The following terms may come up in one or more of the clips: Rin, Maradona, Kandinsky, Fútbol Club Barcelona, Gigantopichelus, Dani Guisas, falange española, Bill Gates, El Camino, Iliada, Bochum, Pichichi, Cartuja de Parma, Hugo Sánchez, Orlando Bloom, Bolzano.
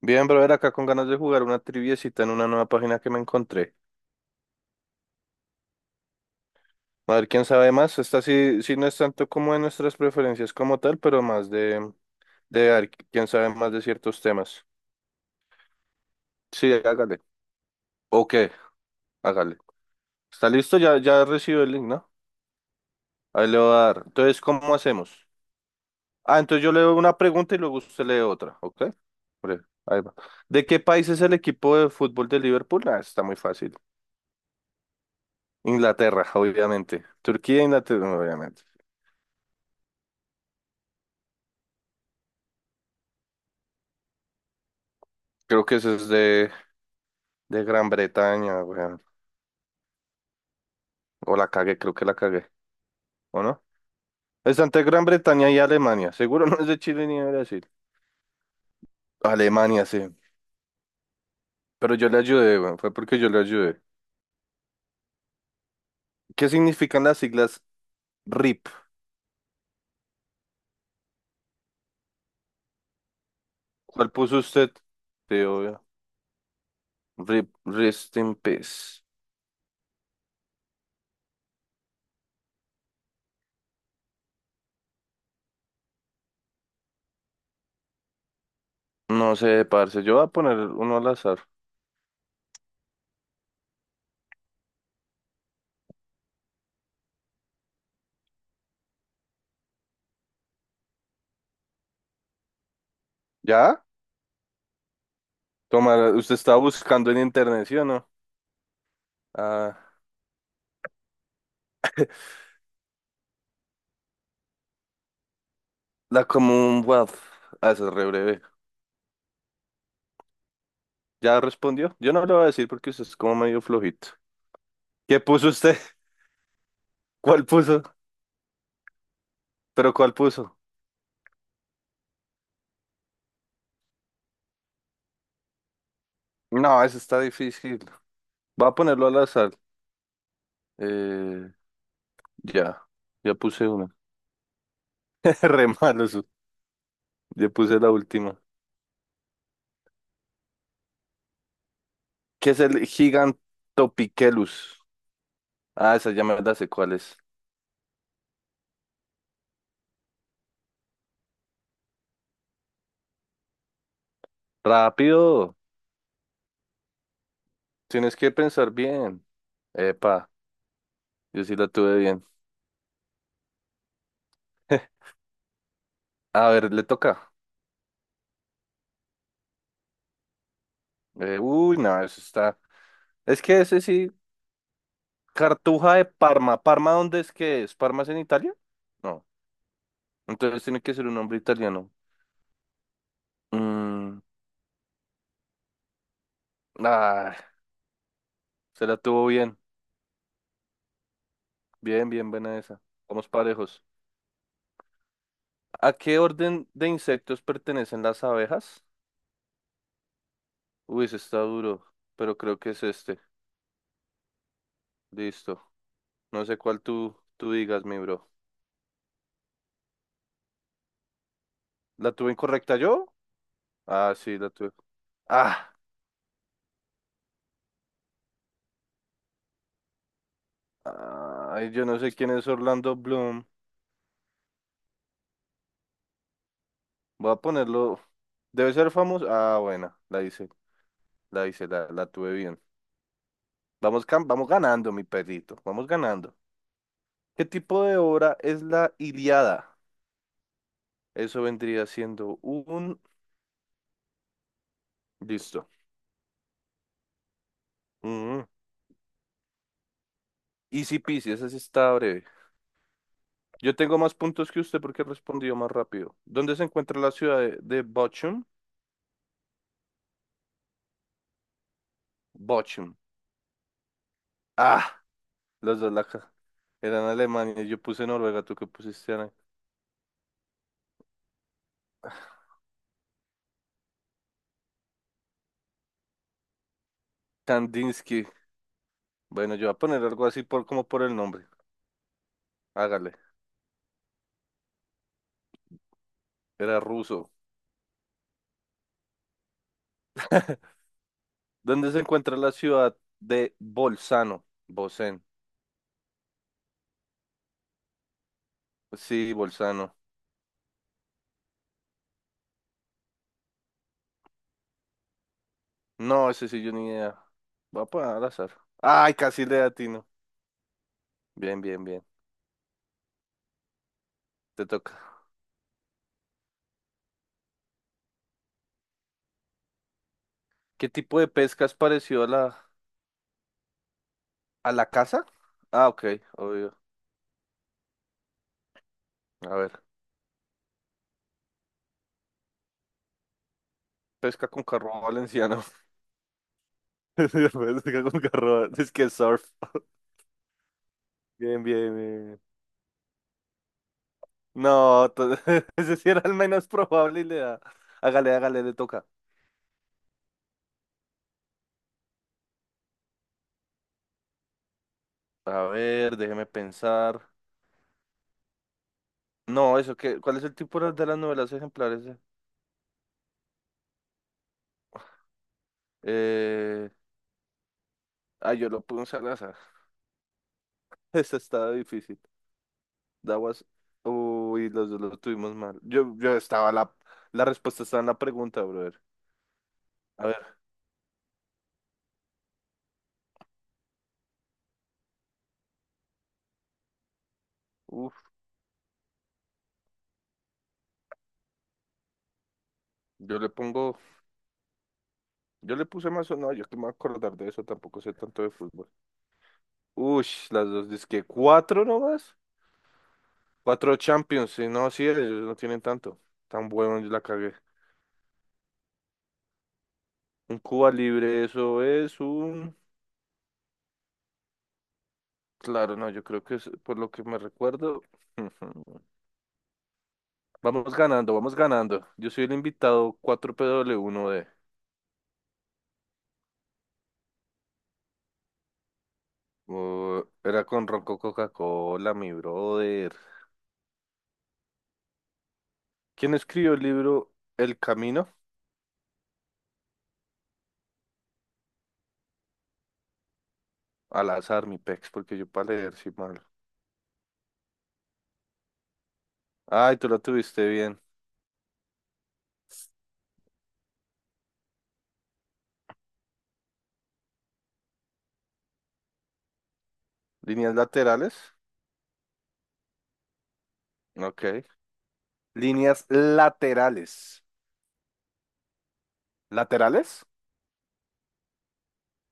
Bien, brother, acá con ganas de jugar una triviecita en una nueva página que me encontré. A ver quién sabe más. Esta sí, sí no es tanto como de nuestras preferencias como tal, pero más de a ver quién sabe más de ciertos temas. Sí, hágale. Ok, hágale. ¿Está listo? Ya recibió el link, ¿no? Ahí le voy a dar. Entonces, ¿cómo hacemos? Ah, entonces yo leo una pregunta y luego usted lee otra, ¿ok? Breve, ahí va. ¿De qué país es el equipo de fútbol de Liverpool? Ah, está muy fácil. Inglaterra, obviamente. Turquía, Inglaterra, obviamente. Creo que ese es de Gran Bretaña, weón. O la cagué, creo que la cagué. ¿O no? Es entre Gran Bretaña y Alemania. Seguro no es de Chile ni de Brasil. Alemania, sí. Pero yo le ayudé, weón. Fue porque yo le ayudé. ¿Qué significan las siglas RIP? ¿Cuál puso usted? Sí, obvio. RIP, Rest in Peace. No sé, parce. Yo voy a poner uno al azar. ¿Ya? Toma, usted estaba buscando en internet, ¿sí o no? Ah, la Commonwealth. Ah, eso es re breve. ¿Ya respondió? Yo no lo voy a decir porque usted es como medio flojito. ¿Qué puso usted? ¿Cuál puso? ¿Pero cuál puso? No, eso está difícil. Va a ponerlo al azar. Eh, ya, ya puse una. Re malo eso. Ya puse la última. ¿Qué es el Gigantopichelus? Ah, esa ya me la sé cuál es. Rápido. Tienes que pensar bien. Epa, yo sí la tuve bien. A ver, le toca. No, eso está. Es que ese sí. Cartuja de Parma. ¿Parma dónde es que es? ¿Parma es en Italia? No. Entonces tiene que ser un nombre italiano. Mm, ah, se la tuvo bien. Bien, bien, buena esa. Vamos parejos. ¿A qué orden de insectos pertenecen las abejas? Uy, ese está duro, pero creo que es este. Listo. No sé cuál tú digas, mi bro. ¿La tuve incorrecta yo? Ah, sí, la tuve. Ah, ay, yo no sé quién es Orlando Bloom. Voy a ponerlo. Debe ser famoso. Ah, bueno, la hice. La hice, la tuve bien. Vamos, cam- vamos ganando, mi perrito. Vamos ganando. ¿Qué tipo de obra es la Iliada? Eso vendría siendo un... Listo. Mm. Easy peasy, esa sí está breve. Yo tengo más puntos que usted porque respondió más rápido. ¿Dónde se encuentra la ciudad de Bochum? Bochum. Ah, los dos la... ca- Eran Alemania. Yo puse Noruega, tú que pusiste... ¿Ana? Kandinsky. Bueno, yo voy a poner algo así por, como por el nombre. Hágale. Era ruso. ¿Dónde se encuentra la ciudad de Bolzano? Bolzano. Sí, Bolzano. No, ese sí yo ni idea. Voy a poner al azar. Ay, casi le atino. Bien, bien, bien. Te toca. ¿Qué tipo de pesca es parecido a a la caza? Ah, ok, obvio. A ver. Pesca con carro valenciano. Pesca con carro. Es que surf. Bien, bien, bien. No, to- ese sí era el menos probable y le da. Hágale, hágale, le toca. A ver, déjeme pensar. No, eso que, ¿cuál es el tipo de las novelas ejemplares? Eh, yo lo puse al azar. Esta estaba difícil. That was- Uy, los dos lo tuvimos mal. Yo estaba la respuesta estaba en la pregunta, brother. A ver, uf, yo le pongo, yo le puse más o no, yo que me voy a acordar de eso, tampoco sé tanto de fútbol. Ush, las dos, dizque cuatro nomás, cuatro Champions, sí, no, sí, ellos no tienen tanto, tan bueno, yo la cagué. Un Cuba libre, eso es un... Claro, no, yo creo que es por lo que me recuerdo. Vamos ganando, vamos ganando. Yo soy el invitado 4PW1D. Era con Ronco Coca-Cola, mi brother. ¿Quién escribió el libro El Camino? Al azar, mi pex, porque yo para leer, sí, malo. Ay, tú lo tuviste bien. ¿Líneas laterales? Ok. ¿Líneas laterales? ¿Laterales?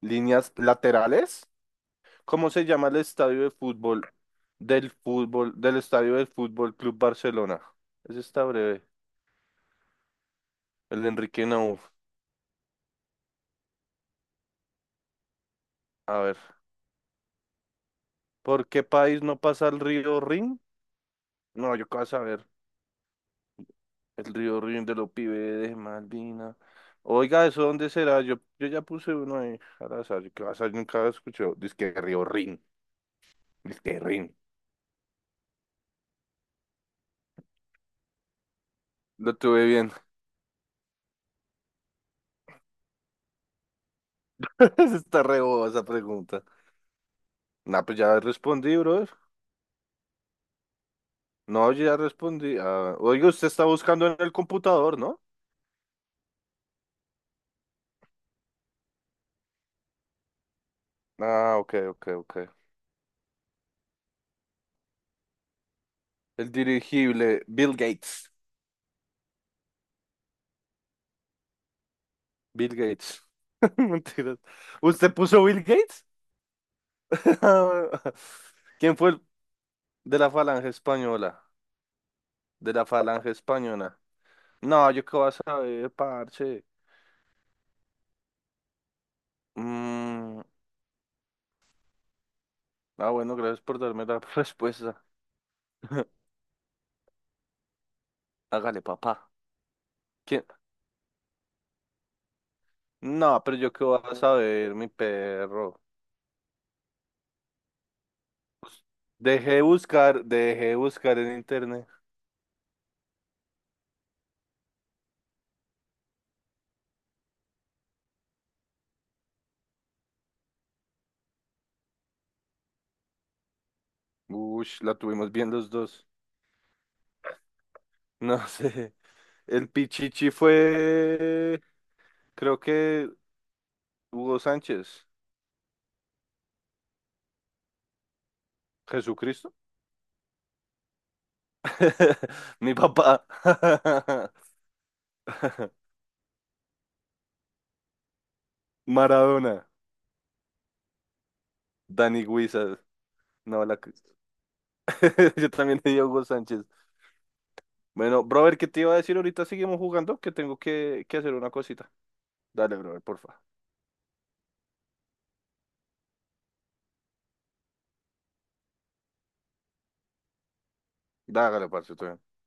¿Líneas laterales? ¿Cómo se llama el estadio de fútbol del estadio del Fútbol Club Barcelona? Ese está breve. El de Enrique Nauf. A ver. ¿Por qué país no pasa el río Rin? No, yo qué vas a ver. El río Rin de los pibes de Malvina. Oiga, ¿eso dónde será? Yo ya puse uno ahí al azar. Yo ¿qué vas a ver? Nunca lo escuché. Dice que río Rin. Dice que Rin. Lo tuve bien. Está re boba esa pregunta. Nah, pues ya respondí, bro. No, yo ya respondí. Ah, oiga, usted está buscando en el computador, ¿no? Ah, ok, ok, ok. El dirigible, Bill Gates. Bill Gates. Mentiras. ¿Usted puso Bill Gates? ¿Quién fue el de la falange española? De la falange española. No, yo qué voy a saber, parche. Mm, bueno, gracias por darme la respuesta. Hágale, papá. ¿Quién? No, pero yo qué voy a saber, mi perro. Dejé de buscar en internet. Ush, la tuvimos bien los dos. No sé. El Pichichi fue, creo que Hugo Sánchez. Jesucristo. Mi papá. Maradona. Dani Guisas. No, la... que- Yo también le di a Hugo Sánchez. Bueno, brother, ¿qué te iba a decir? Ahorita seguimos jugando, que tengo que hacer una cosita. Dale, brother, porfa. Dágale, parce, todo bien.